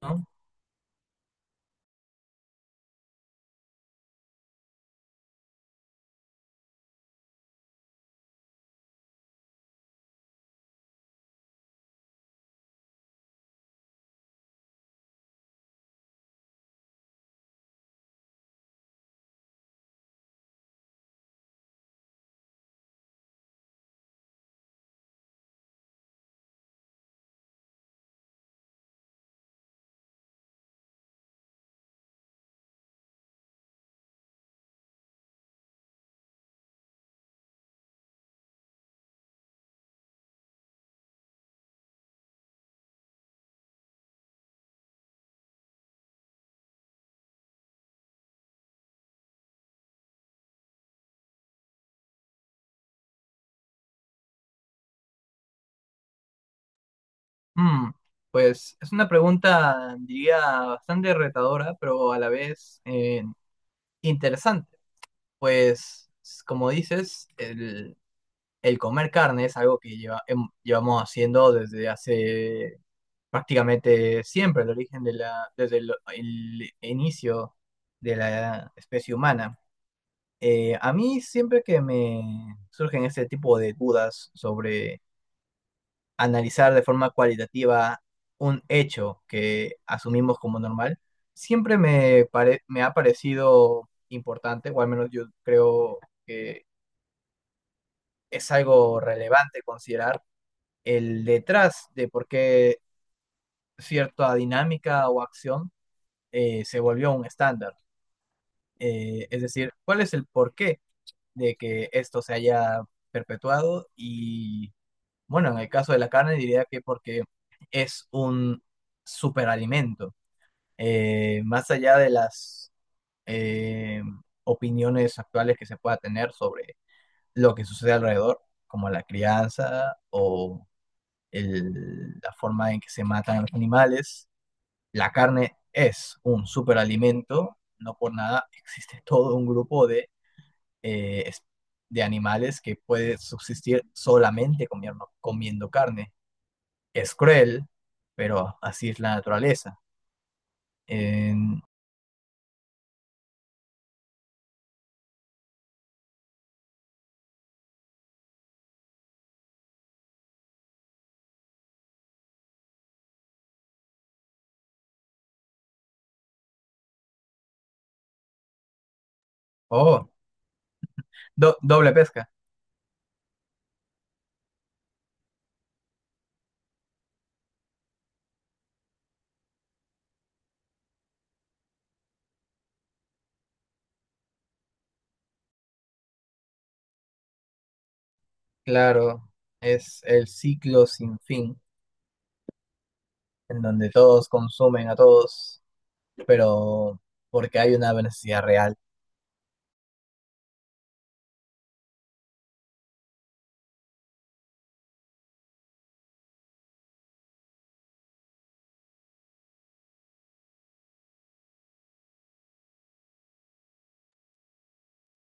¿No? Mm, pues es una pregunta, diría, bastante retadora, pero a la vez interesante. Pues, como dices, el comer carne es algo que llevamos haciendo desde hace prácticamente siempre, el origen de desde el inicio de la especie humana. A mí siempre que me surgen este tipo de dudas sobre analizar de forma cualitativa un hecho que asumimos como normal, siempre me ha parecido importante, o al menos yo creo que es algo relevante considerar el detrás de por qué cierta dinámica o acción se volvió un estándar. Es decir, cuál es el porqué de que esto se haya perpetuado y, bueno, en el caso de la carne diría que porque es un superalimento más allá de las eh, opiniones actuales que se pueda tener sobre lo que sucede alrededor, como la crianza o la forma en que se matan a los animales, la carne es un superalimento, no por nada existe todo un grupo de, eh, es- de animales que puede subsistir solamente comiendo carne. Es cruel, pero así es la naturaleza. En- oh, doble pesca. Claro, es el ciclo sin fin, en donde todos consumen a todos, pero porque hay una necesidad real.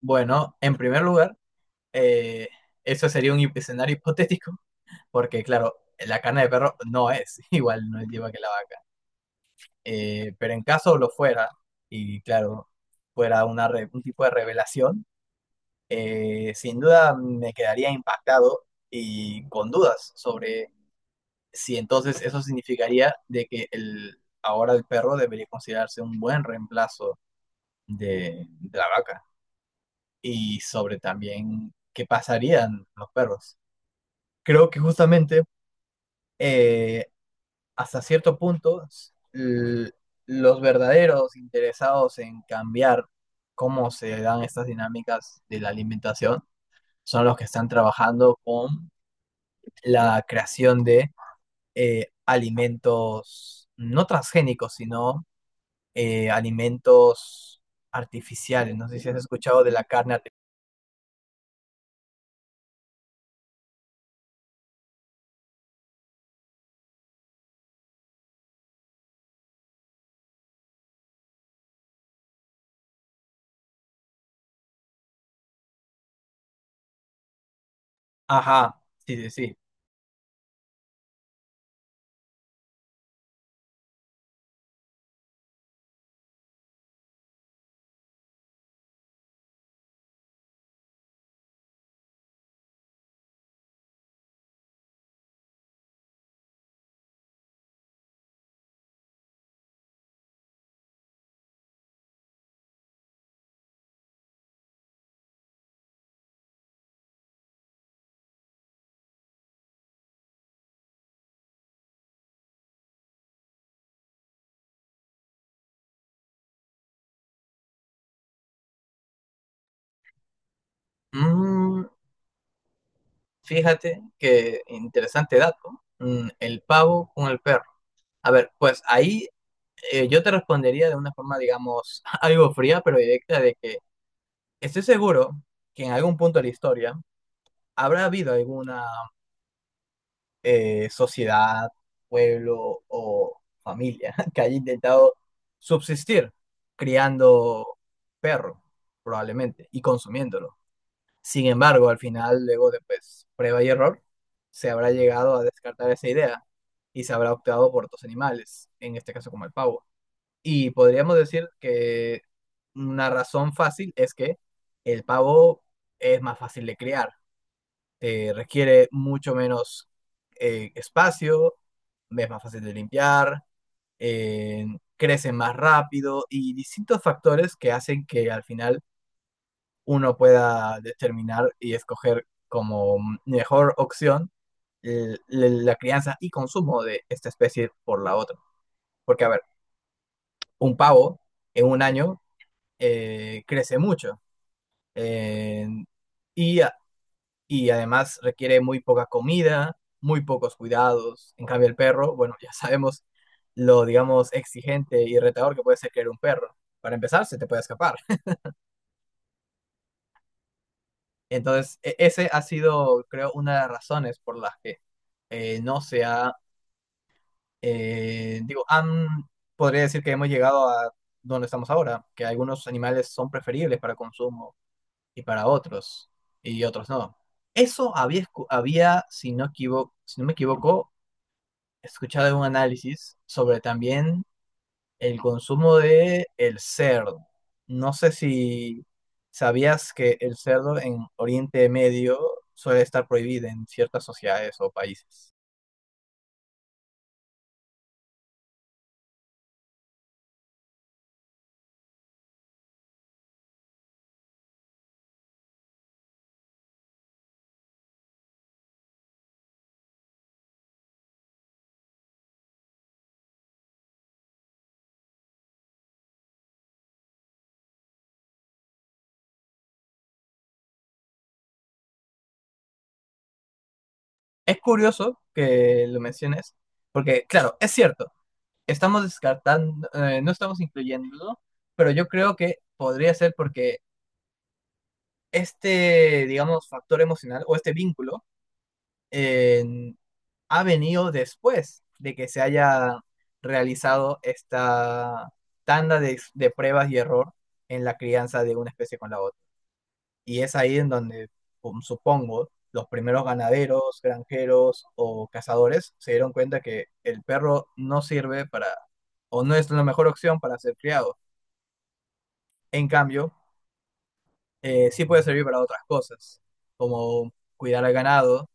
Bueno, en primer lugar, eh, eso sería un escenario hipotético, porque claro, la carne de perro no es igual, no es igual que la vaca. Pero en caso lo fuera, y claro, fuera una un tipo de revelación, sin duda me quedaría impactado y con dudas sobre si entonces eso significaría de que ahora el perro debería considerarse un buen reemplazo de la vaca y sobre también qué pasarían los perros. Creo que justamente eh, hasta cierto punto l- los verdaderos interesados en cambiar cómo se dan estas dinámicas de la alimentación son los que están trabajando con la creación de alimentos no transgénicos, sino alimentos artificiales. No sé si has escuchado de la carne artificial. Ajá, sí, sí, sí. Mm, fíjate que interesante dato. Mm, el pavo con el perro. A ver, pues ahí yo te respondería de una forma, digamos, algo fría, pero directa, de que estoy seguro que en algún punto de la historia habrá habido alguna sociedad, pueblo o familia que haya intentado subsistir criando perro, probablemente, y consumiéndolo. Sin embargo, al final, luego de pues, prueba y error, se habrá llegado a descartar esa idea y se habrá optado por otros animales, en este caso como el pavo. Y podríamos decir que una razón fácil es que el pavo es más fácil de criar requiere mucho menos espacio, es más fácil de limpiar, eh, crece más rápido y distintos factores que hacen que al final uno pueda determinar y escoger como mejor opción la crianza y consumo de esta especie por la otra. Porque, a ver, un pavo en un año crece mucho eh, y a- y además requiere muy poca comida, muy pocos cuidados. En cambio, el perro, bueno, ya sabemos lo, digamos, exigente y retador que puede ser criar un perro. Para empezar, se te puede escapar. Entonces, ese ha sido, creo, una de las razones por las que no se ha, digo, podría decir que hemos llegado a donde estamos ahora, que algunos animales son preferibles para consumo y para otros, y otros no. Eso había, había, si no si no me equivoco, he escuchado un análisis sobre también el consumo de el cerdo. No sé si sabías que el cerdo en Oriente Medio suele estar prohibido en ciertas sociedades o países. Es curioso que lo menciones, porque claro, es cierto, estamos descartando, no estamos incluyéndolo, pero yo creo que podría ser porque este, digamos, factor emocional o este vínculo eh, ha venido después de que se haya realizado esta tanda de pruebas y error en la crianza de una especie con la otra. Y es ahí en donde, supongo, los primeros ganaderos, granjeros o cazadores se dieron cuenta que el perro no sirve para, o no es la mejor opción para ser criado. En cambio, sí puede servir para otras cosas, como cuidar al ganado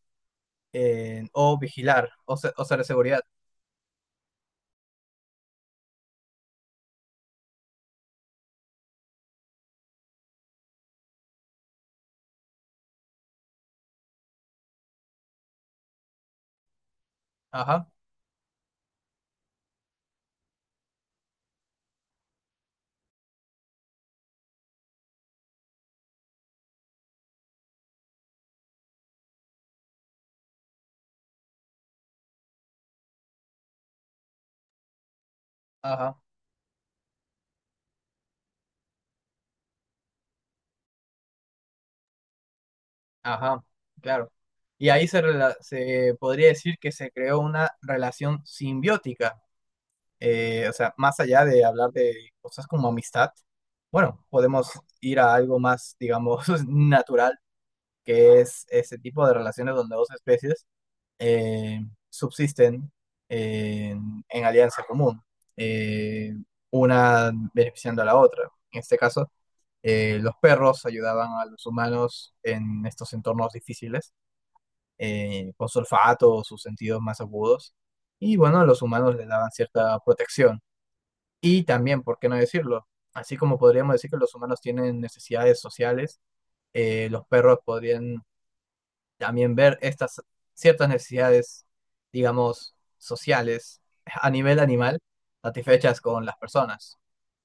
o vigilar o, o ser de seguridad. Ajá, ajá. Ajá, claro. Y ahí se podría decir que se creó una relación simbiótica. O sea, más allá de hablar de cosas como amistad, bueno, podemos ir a algo más, digamos, natural, que es ese tipo de relaciones donde dos especies eh, subsisten en alianza común, eh, una beneficiando a la otra. En este caso, los perros ayudaban a los humanos en estos entornos difíciles con su olfato o sus sentidos más agudos. Y bueno, los humanos les daban cierta protección. Y también, ¿por qué no decirlo? Así como podríamos decir que los humanos tienen necesidades sociales, los perros podrían también ver estas ciertas necesidades, digamos, sociales a nivel animal, satisfechas con las personas.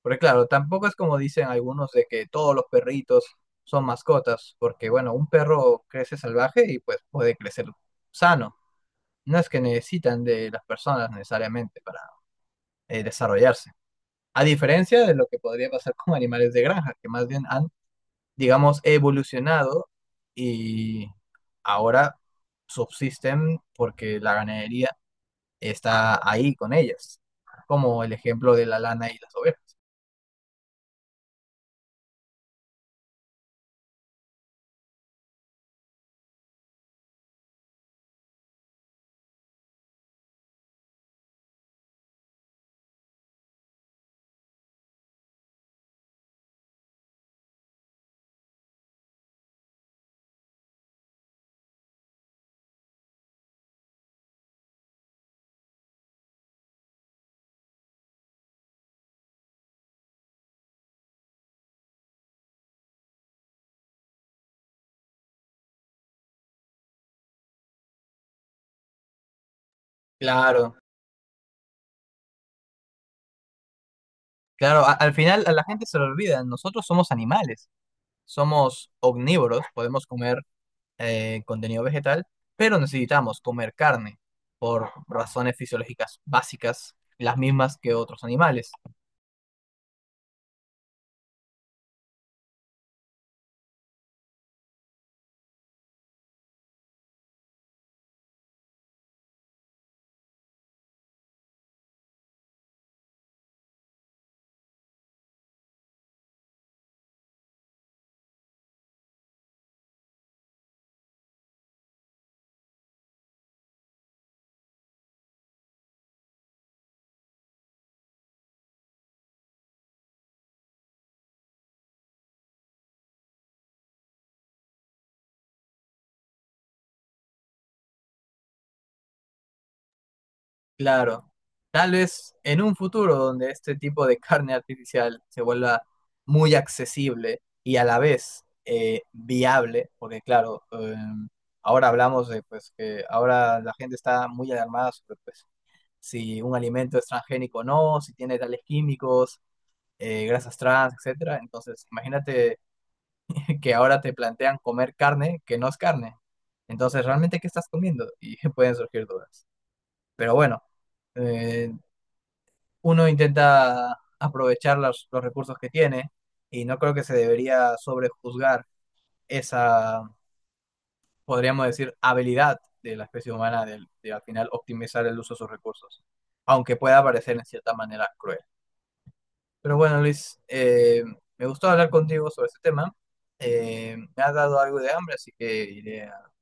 Porque claro, tampoco es como dicen algunos de que todos los perritos son mascotas, porque bueno, un perro crece salvaje y pues puede crecer sano no es que necesitan de las personas necesariamente para desarrollarse. A diferencia de lo que podría pasar con animales de granja, que más bien han, digamos, evolucionado y ahora subsisten porque la ganadería está ahí con ellas, como el ejemplo de la lana y las ovejas. Claro, claro, al final a la gente se le olvida, nosotros somos animales, somos omnívoros, podemos comer contenido vegetal, pero necesitamos comer carne por razones fisiológicas básicas, las mismas que otros animales. Claro, tal vez en un futuro donde este tipo de carne artificial se vuelva muy accesible y a la vez viable, porque claro, ahora hablamos de pues que ahora la gente está muy alarmada sobre pues si un alimento es transgénico o no, si tiene tales químicos, grasas trans, etcétera. Entonces, imagínate que ahora te plantean comer carne que no es carne. Entonces, ¿realmente qué estás comiendo? Y pueden surgir dudas. Pero bueno, eh, uno intenta aprovechar los recursos que tiene y no creo que se debería sobrejuzgar esa, podríamos decir, habilidad de la especie humana de al final optimizar el uso de sus recursos, aunque pueda parecer en cierta manera cruel. Pero bueno, Luis, me gustó hablar contigo sobre este tema. Me ha dado algo de hambre, así que iré a